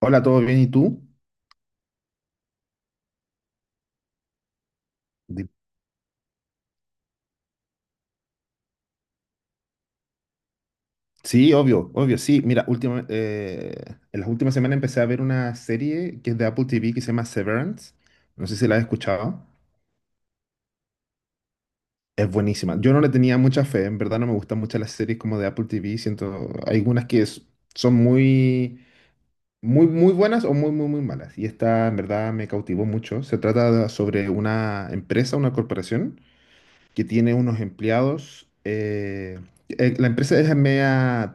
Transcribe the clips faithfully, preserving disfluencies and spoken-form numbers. Hola, ¿todo bien? ¿Y tú? Di- Sí, obvio, obvio, sí. Mira, última, eh, en las últimas semanas empecé a ver una serie que es de Apple T V que se llama Severance. No sé si la has escuchado. Es buenísima. Yo no le tenía mucha fe, en verdad no me gustan mucho las series como de Apple T V. Siento, hay algunas que es- son muy, muy, muy buenas o muy, muy, muy malas. Y esta en verdad me cautivó mucho. Se trata de- sobre una empresa, una corporación, que tiene unos empleados. Eh, eh, la empresa es media,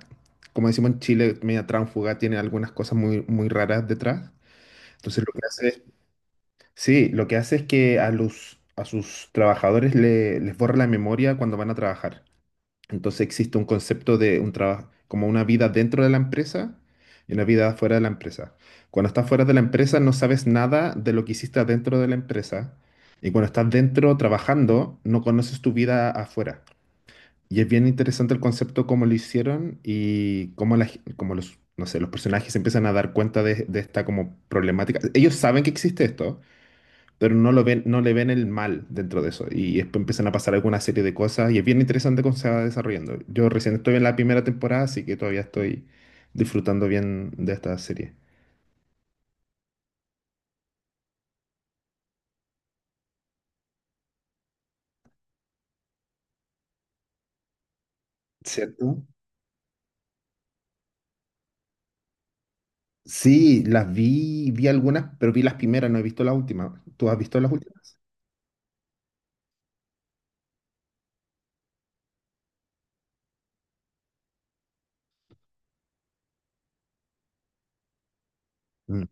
como decimos en Chile, media tránfuga, tiene algunas cosas muy, muy raras detrás. Entonces lo que hace es, sí, lo que hace es que a los, a sus trabajadores le- les borra la memoria cuando van a trabajar. Entonces existe un concepto de un trabajo, como una vida dentro de la empresa y una vida fuera de la empresa. Cuando estás fuera de la empresa no sabes nada de lo que hiciste adentro de la empresa. Y cuando estás dentro trabajando, no conoces tu vida afuera. Y es bien interesante el concepto cómo lo hicieron y cómo, la, gen- cómo los, no sé, los personajes se empiezan a dar cuenta de, de esta como problemática. Ellos saben que existe esto, pero no lo ven, no le ven el mal dentro de eso. Y después empiezan a pasar alguna serie de cosas y es bien interesante cómo se va desarrollando. Yo recién estoy en la primera temporada, así que todavía estoy disfrutando bien de esta serie. ¿Cierto? Sí, las vi, vi algunas, pero vi las primeras, no he visto las últimas. ¿Tú has visto las últimas? Mm,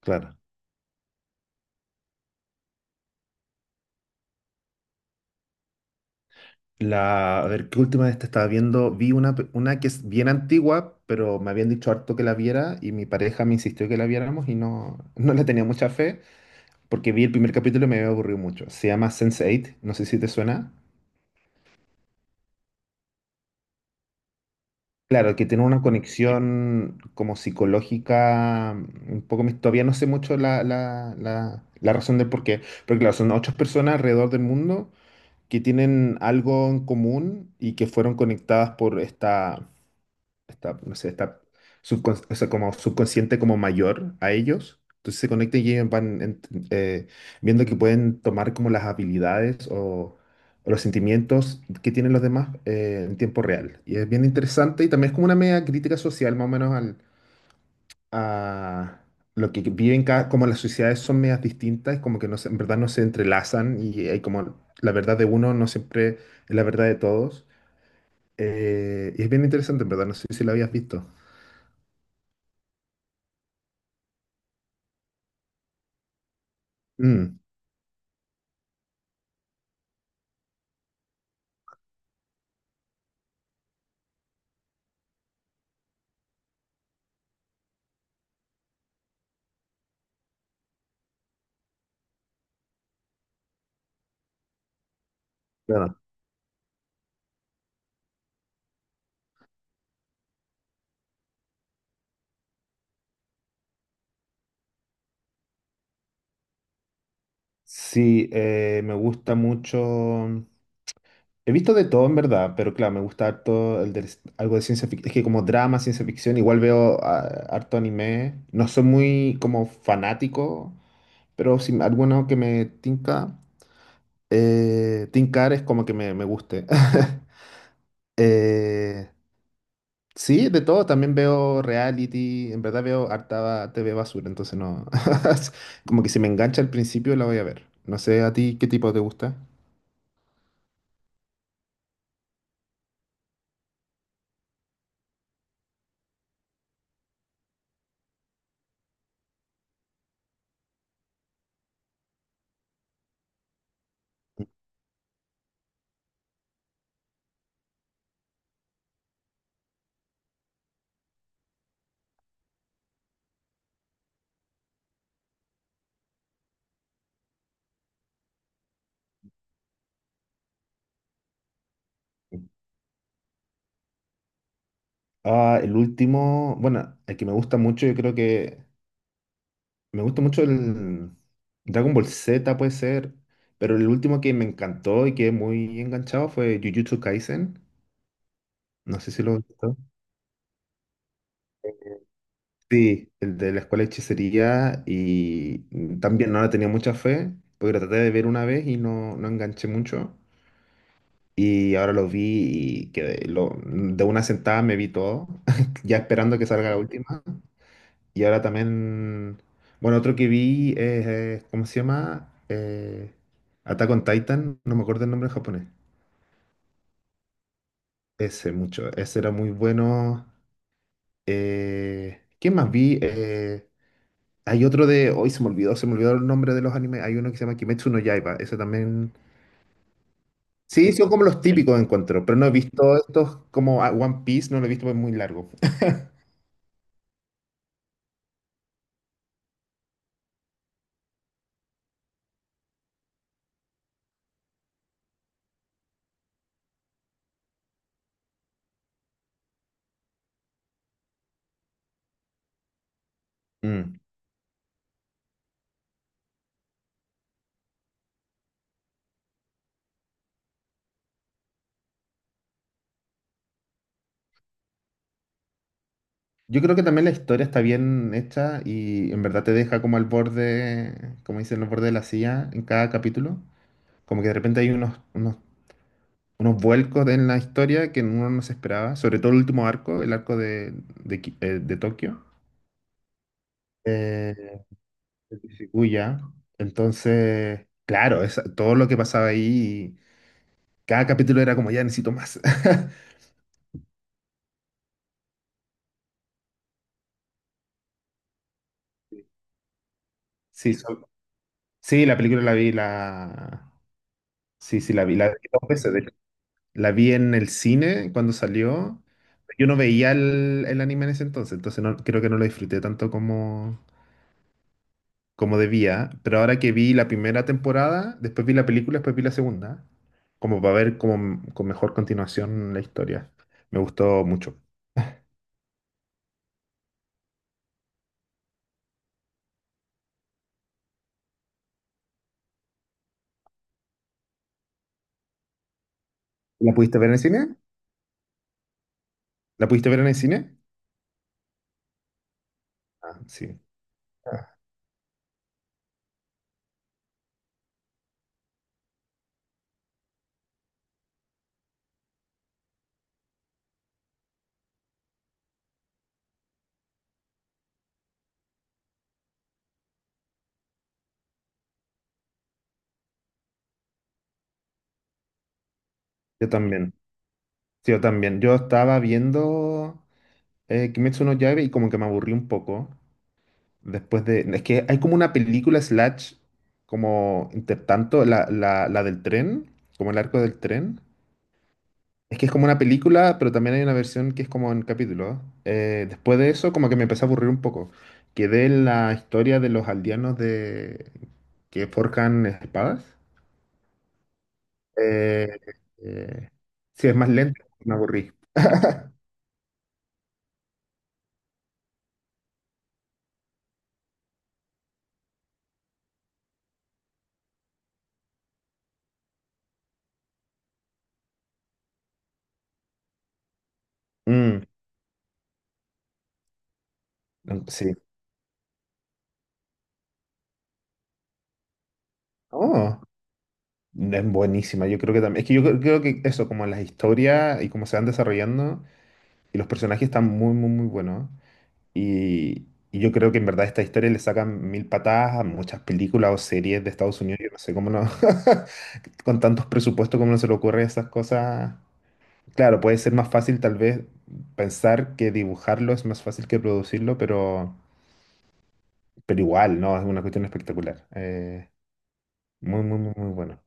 claro. La, a ver, ¿qué última de esta estaba viendo? Vi una, pe- una que es bien antigua, pero me habían dicho harto que la viera y mi pareja me insistió que la viéramos y no, no le tenía mucha fe porque vi el primer capítulo y me había aburrido mucho. Se llama sense Eight, no sé si te suena. Claro, que tiene una conexión como psicológica, mm, un poco, mis- todavía no sé mucho la, la, la, la razón del por qué, pero claro, son ocho personas alrededor del mundo que tienen algo en común y que fueron conectadas por esta... está, no sé, está subcon- o sea, como subconsciente como mayor a ellos. Entonces se conectan y ellos van ent- eh, viendo que pueden tomar como las habilidades o, o los sentimientos que tienen los demás eh, en tiempo real. Y es bien interesante y también es como una media crítica social más o menos al, a lo que viven cada, como las sociedades son medias distintas, como que no se- en verdad no se entrelazan y hay como la verdad de uno no siempre es la verdad de todos. Eh, y es bien interesante, en verdad, no sé si lo habías visto. Mm. Claro. Sí, eh, me gusta mucho. He visto de todo en verdad, pero claro, me gusta harto el de, algo de ciencia ficción. Es que como drama, ciencia ficción, igual veo ah, harto anime. No soy muy como fanático, pero si alguno que me tinca, eh, tincar es como que me, me guste. Eh, sí, de todo. También veo reality. En verdad veo harta T V basura, entonces no. Como que si me engancha al principio la voy a ver. No sé a ti qué tipo te gusta. Ah, el último, bueno, el que me gusta mucho, yo creo que me gusta mucho el Dragon Ball Z puede ser, pero el último que me encantó y quedé muy enganchado fue Jujutsu Kaisen. No sé si lo has visto. Sí, el de la escuela de hechicería y también no le tenía mucha fe, porque lo traté de ver una vez y no, no enganché mucho. Y ahora lo vi y quedé, lo, de una sentada me vi todo, ya esperando que salga la última. Y ahora también, bueno, otro que vi es, eh, ¿cómo se llama? Eh, Attack on Titan, no me acuerdo el nombre en japonés. Ese mucho, ese era muy bueno. Eh, ¿qué más vi? Eh, hay otro de, hoy se me olvidó, se me olvidó el nombre de los animes. Hay uno que se llama Kimetsu no Yaiba, ese también. Sí, son como los típicos encuentro, pero no he visto estos como ah, One Piece, no lo he visto, es muy largo. Mm. Yo creo que también la historia está bien hecha y en verdad te deja como al borde, como dicen, al borde de la silla en cada capítulo. Como que de repente hay unos, unos, unos vuelcos en la historia que uno no se esperaba, sobre todo el último arco, el arco de, de, Ki- eh, de Tokio, eh, de Shibuya. Entonces, claro, esa- todo lo que pasaba ahí, cada capítulo era como, ya necesito más. Sí, so- sí, la película la vi, la... Sí, sí, la vi, la vi dos veces. La vi en el cine cuando salió. Yo no veía el, el anime en ese entonces, entonces no, creo que no lo disfruté tanto como, como debía. Pero ahora que vi la primera temporada, después vi la película, después vi la segunda, como para ver como, con mejor continuación la historia. Me gustó mucho. ¿La pudiste ver en el cine? ¿La pudiste ver en el cine? Ah, sí. Ah. Yo también. Sí, yo también. Yo estaba viendo eh, Kimetsu no Yaiba y como que me aburrí un poco. Después de. Es que hay como una película slash, como intertanto, la, la, la del tren, como el arco del tren. Es que es como una película, pero también hay una versión que es como en capítulos. Eh, después de eso, como que me empecé a aburrir un poco. Quedé en la historia de los aldeanos de que forjan espadas. Eh, eh, sí, es más lento, me aburrí. Mm, no, sí. Oh, es buenísima. Yo creo que también. Es que yo creo creo que eso, como las historias y cómo se van desarrollando. Y los personajes están muy, muy, muy buenos. Y, y yo creo que en verdad esta historia le sacan mil patadas a muchas películas o series de Estados Unidos. Yo no sé cómo no, con tantos presupuestos, cómo no se le ocurre esas cosas. Claro, puede ser más fácil tal vez pensar que dibujarlo es más fácil que producirlo, pero, pero igual, ¿no? Es una cuestión espectacular. Eh, muy, muy, muy, muy bueno.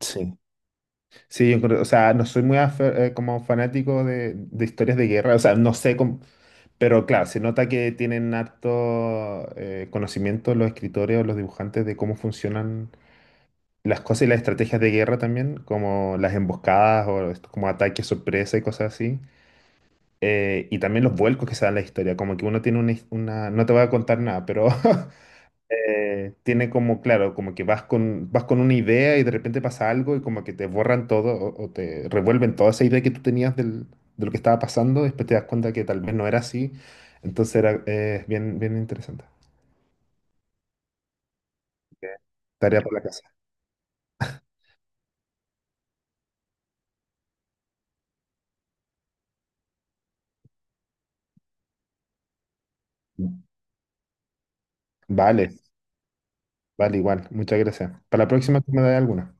Sí, sí, yo creo- o sea, no soy muy afe- eh, como fanático de, de historias de guerra, o sea, no sé cómo. Pero claro, se nota que tienen harto eh, conocimiento los escritores o los dibujantes de cómo funcionan las cosas y las estrategias de guerra también, como las emboscadas o estos como ataques sorpresa y cosas así. Eh, y también los vuelcos que se dan en la historia, como que uno tiene una, his- una- No te voy a contar nada, pero eh, tiene como, claro, como que vas con, vas con una idea y de repente pasa algo y como que te borran todo o, o te revuelven toda esa idea que tú tenías del- de lo que estaba pasando, después te das cuenta que tal vez no era así, entonces era eh, bien, bien interesante. Ok. Tarea por la casa. Vale, vale, igual, muchas gracias. Para la próxima tú me das alguna.